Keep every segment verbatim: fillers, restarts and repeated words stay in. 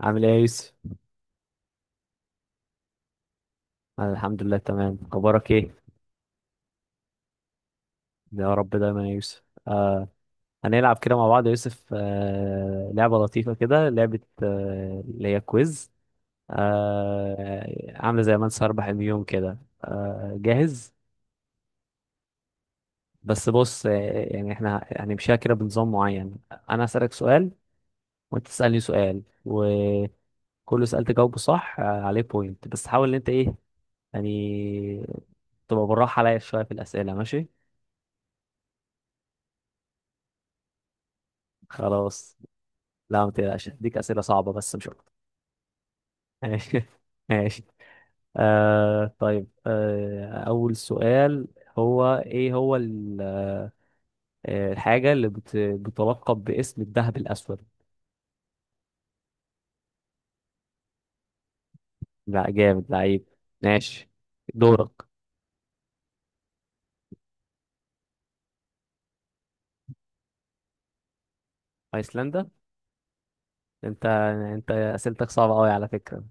عامل ايه يا يوسف؟ أنا الحمد لله تمام، اخبارك ايه؟ يا رب دايما يا يوسف. آه هنلعب كده مع بعض يا يوسف، آه لعبة لطيفة كده، لعبة آه اللي هي كويز. آه عاملة زي من سيربح اليوم كده. آه جاهز؟ بس بص آه يعني احنا هنمشيها كده بنظام معين. انا هسألك سؤال، وانت تسألني سؤال، وكل سؤال تجاوبه صح آه عليه بوينت. بس حاول ان انت ايه يعني تبقى بالراحة عليا شوية في الأسئلة، ماشي؟ خلاص. لا ما تقلقش، هديك أسئلة صعبة بس مش أكتر. ماشي ماشي. آه طيب، آه أول سؤال. هو إيه هو ال- آه، الحاجة اللي بت... بتلقب باسم الذهب الأسود؟ لا، جامد لعيب. ماشي. دورك. أيسلندا. أنت أنت أسئلتك صعبة أوي على فكرة.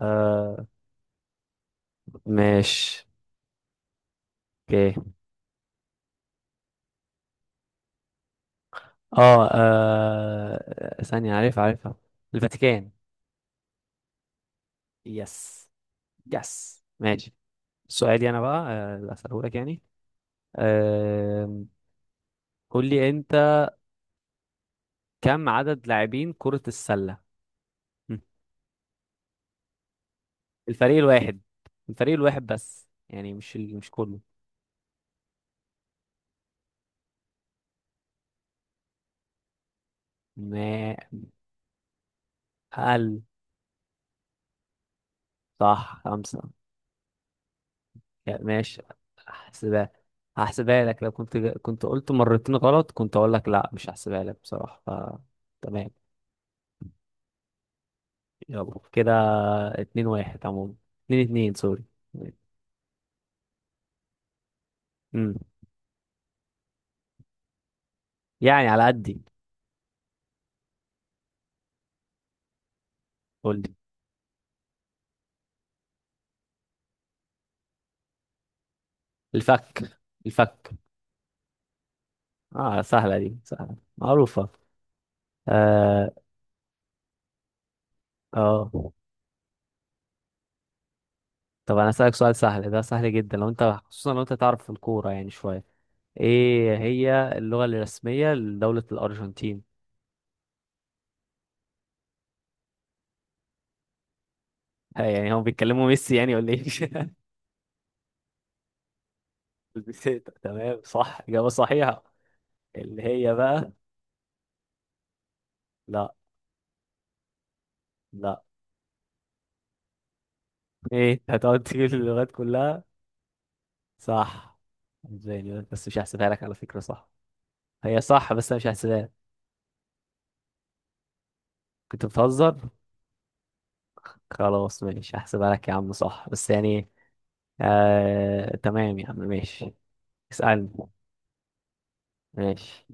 آه. ماشي. أوكي. آه, آه ثانية، عارف، عارفها. الفاتيكان. يس. يس، ماشي. سؤالي أنا بقى آه، أسأله لك يعني. آم، قول لي انت، كم عدد لاعبين كرة السلة؟ مم. الفريق الواحد. الفريق الواحد بس يعني، مش ال... مش كله. ما اقل. صح، خمسة. يا ماشي. هحسبها. هحسبها لك لو كنت ج- كنت قلت مرتين غلط، كنت اقول لك لا مش هحسبها لك بصراحة، ف... تمام. يلا كده. اتنين واحد عموما. اتنين اتنين، سوري. امم. يعني على قدي. قول لي. الفك. الفك. اه، سهلة دي، سهلة معروفة. اه. آه. طب انا اسالك سؤال سهل، ده سهل جدا لو انت، خصوصا لو انت تعرف في الكوره يعني شويه. ايه هي اللغه الرسميه لدوله الارجنتين؟ ها، يعني هم بيتكلموا ميسي يعني، ولا ايه؟ البيسيتا. تمام، صح، اجابه صحيحه. اللي هي بقى. لا. لا. ايه، أنت هتقعد تجيب اللغات كلها؟ صح. اسباني، بس مش هحسبها لك على فكره. صح. هي صح بس انا مش هحسبها لك. كنت بتهزر. خلاص ماشي، هحسبها لك يا عم، صح بس يعني. آه تمام يا عم، ماشي. اسألني. ماشي.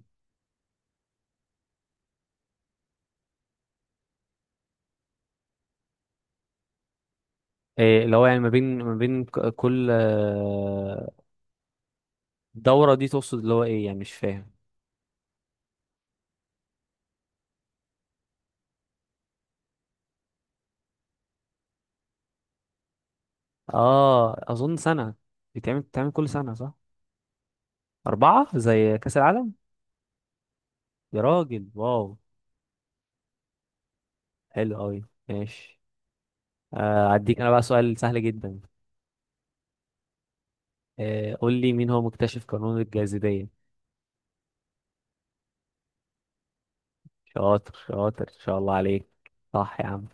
إيه اللي هو يعني ما بين ما بين ك- كل آه، دورة دي تقصد اللي هو ايه يعني؟ مش فاهم. اه، اظن سنة. بتعمل بتعمل كل سنة صح؟ أربعة زي كأس العالم. يا راجل، واو. حلو قوي. ماشي. آه اديك انا بقى سؤال سهل جدا. آه قول لي، مين هو مكتشف قانون الجاذبية؟ شاطر شاطر، ان شاء الله عليك. صح يا عم.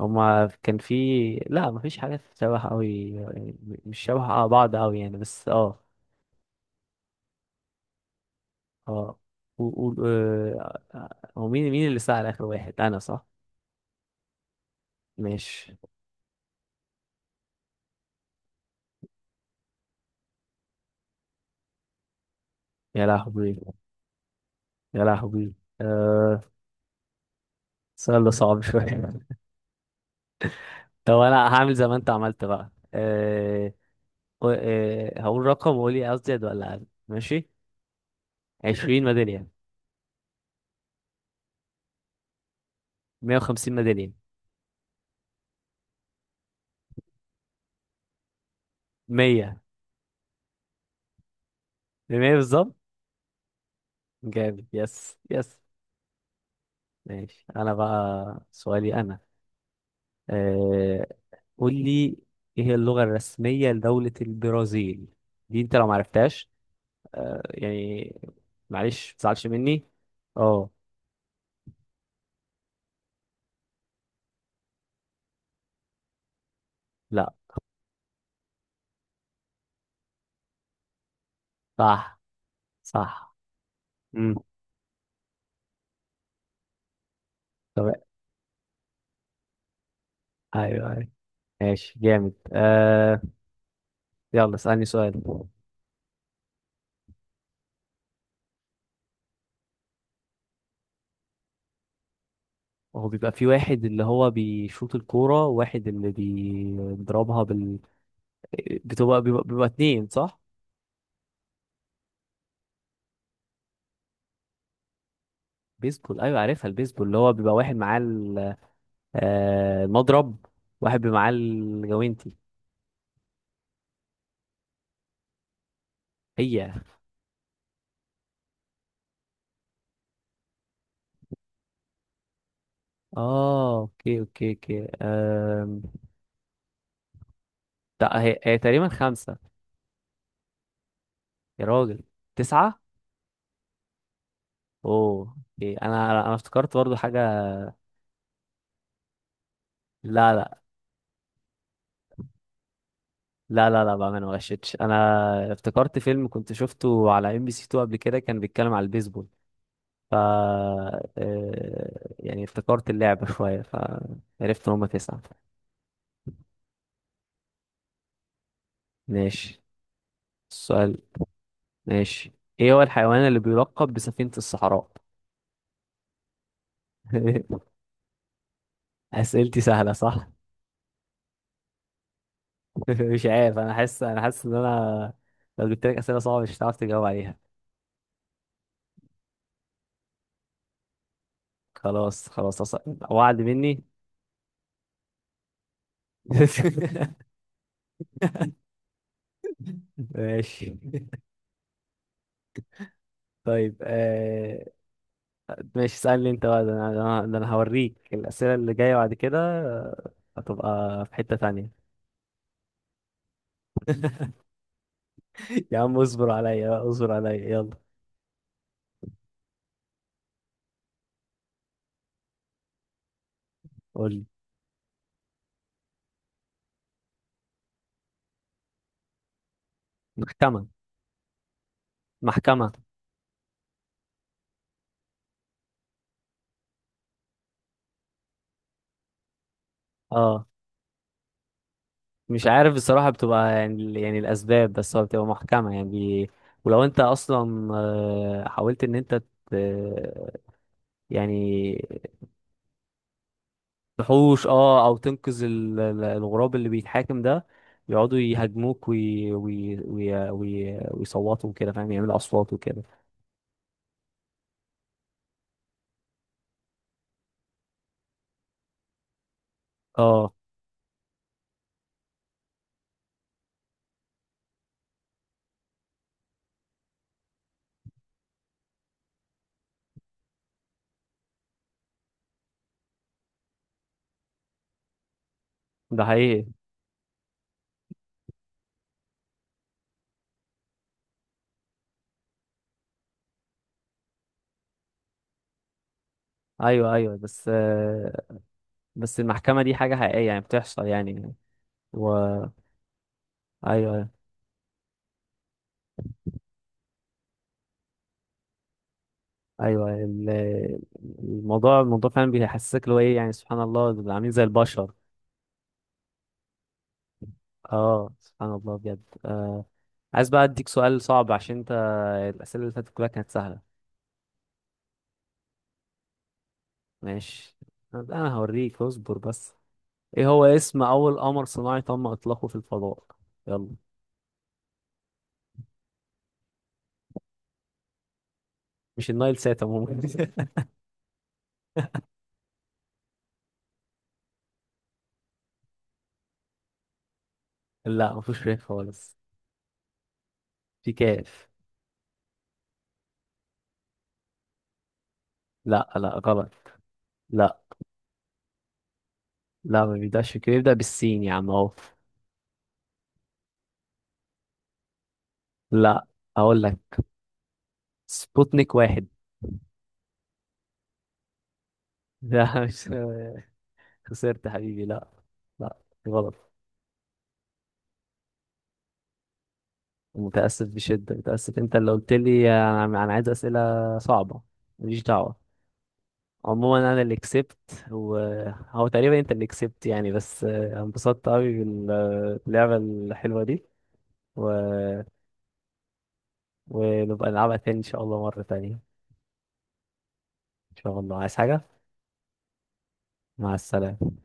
هما كان في... لا، مفيش حاجة شبه أوي. مش شبه بعض أوي يعني، بس اه. اه. و... و... آه، هو مين مين اللي سأل آخر واحد، أنا صح؟ ماشي. يا لهوي. يا لهوي. أه... سؤال ده صعب شوية طب أنا هعمل زي ما أنت عملت بقى أه... و- أه... هقول رقم وقولي أزيد ولا أقل، ماشي. عشرين ميدالية. مية وخمسين ميدالية. مية. بمية بالظبط. جامد، يس يس. ماشي، أنا بقى سؤالي أنا. آه، قول لي، ايه هي اللغة الرسمية لدولة البرازيل؟ دي انت لو معرفتهاش، آه، يعني معلش ما تزعلش مني. اه. لا. صح. صح. امم. طب. ايوه ايوه. ماشي، جامد. آه يلا اسألني سؤال. هو بيبقى في واحد اللي هو بيشوط الكورة وواحد اللي بيضربها بال... بتبقى، بيبقى, بيبقى اتنين صح؟ بيسبول، ايوه عارفها البيسبول، اللي هو بيبقى واحد معاه آه المضرب، واحد بمعاه الجوينتي. هي. اه، اوكي اوكي اوكي. آم، لا، هي, هي تقريبا خمسة. يا راجل. تسعة. اوه اوكي، انا انا افتكرت برضو حاجة. لا لا لا لا لا بقى، انا ما غشيتش، انا افتكرت فيلم كنت شفته على ام بي سي اتنين قبل كده، كان بيتكلم على البيسبول. ف آه، يعني افتكرت اللعبة شوية، فعرفت ان هما تسعة. ماشي. السؤال. ماشي. ايه هو الحيوان اللي بيلقب بسفينة الصحراء؟ اسئلتي سهله صح؟ مش عارف، انا حاسس، انا حاسس ان انا لو جبت لك اسئله صعبه مش هتعرف تجاوب عليها. خلاص خلاص، أص- وعد مني. ماشي. طيب آه... ماشي، اسالني انت بقى، ده انا، ده انا، ده أنا هوريك الاسئله اللي جايه بعد كده. آه، هتبقى في حته تانية. يا عم اصبر عليا بقى، اصبر عليا يلا. قول لي. محكمه. محكمه. اه مش عارف بصراحة، بتبقى يعني يعني الأسباب، بس هو بتبقى محكمة يعني. ولو أنت أصلا آه، حاولت إن أنت ت- يعني تحوش، أه، أو تنقذ ال- ال- الغراب اللي بيتحاكم ده، يقعدوا يهاجموك وي... وي... وي... وي... ويصوتوا وكده، فاهم؟ يعملوا أصوات وكده. أه. ده حقيقي. أيوه أيوه بس آه، بس المحكمة دي حاجة حقيقية يعني، بتحصل يعني؟ و... أيوه أيوه. ايوه ال- الموضوع الموضوع فعلا بيحسسك اللي هو ايه يعني، سبحان الله، دول عاملين زي البشر. اه، سبحان الله بجد. آه عايز بقى اديك سؤال صعب، عشان انت الاسئله اللي فاتت كلها كانت سهله. ماشي. انا هوريك، اصبر بس. ايه هو اسم اول قمر صناعي تم اطلاقه في الفضاء؟ يلا. مش النايل سات عموما لا مفيش ريح خالص. في كاف. لا لا غلط. لا لا، ما بيبداش في كده، بيبدا بالسين يا عم، اهو. لا. هقول لك، سبوتنيك واحد. لا مش، خسرت حبيبي، لا. لا، غلط. متأسف بشدة، متأسف، انت اللي قلت لي انا أنا عايز أسئلة صعبة، ماليش دعوة. عموما انا اللي كسبت. وهو تقريبا انت اللي كسبت يعني، بس آه، انبسطت قوي باللعبة الحلوة دي. و... ونبقى نلعبها تاني ان شاء الله، مرة تانية. ان شاء الله. عايز حاجة؟ مع السلامة.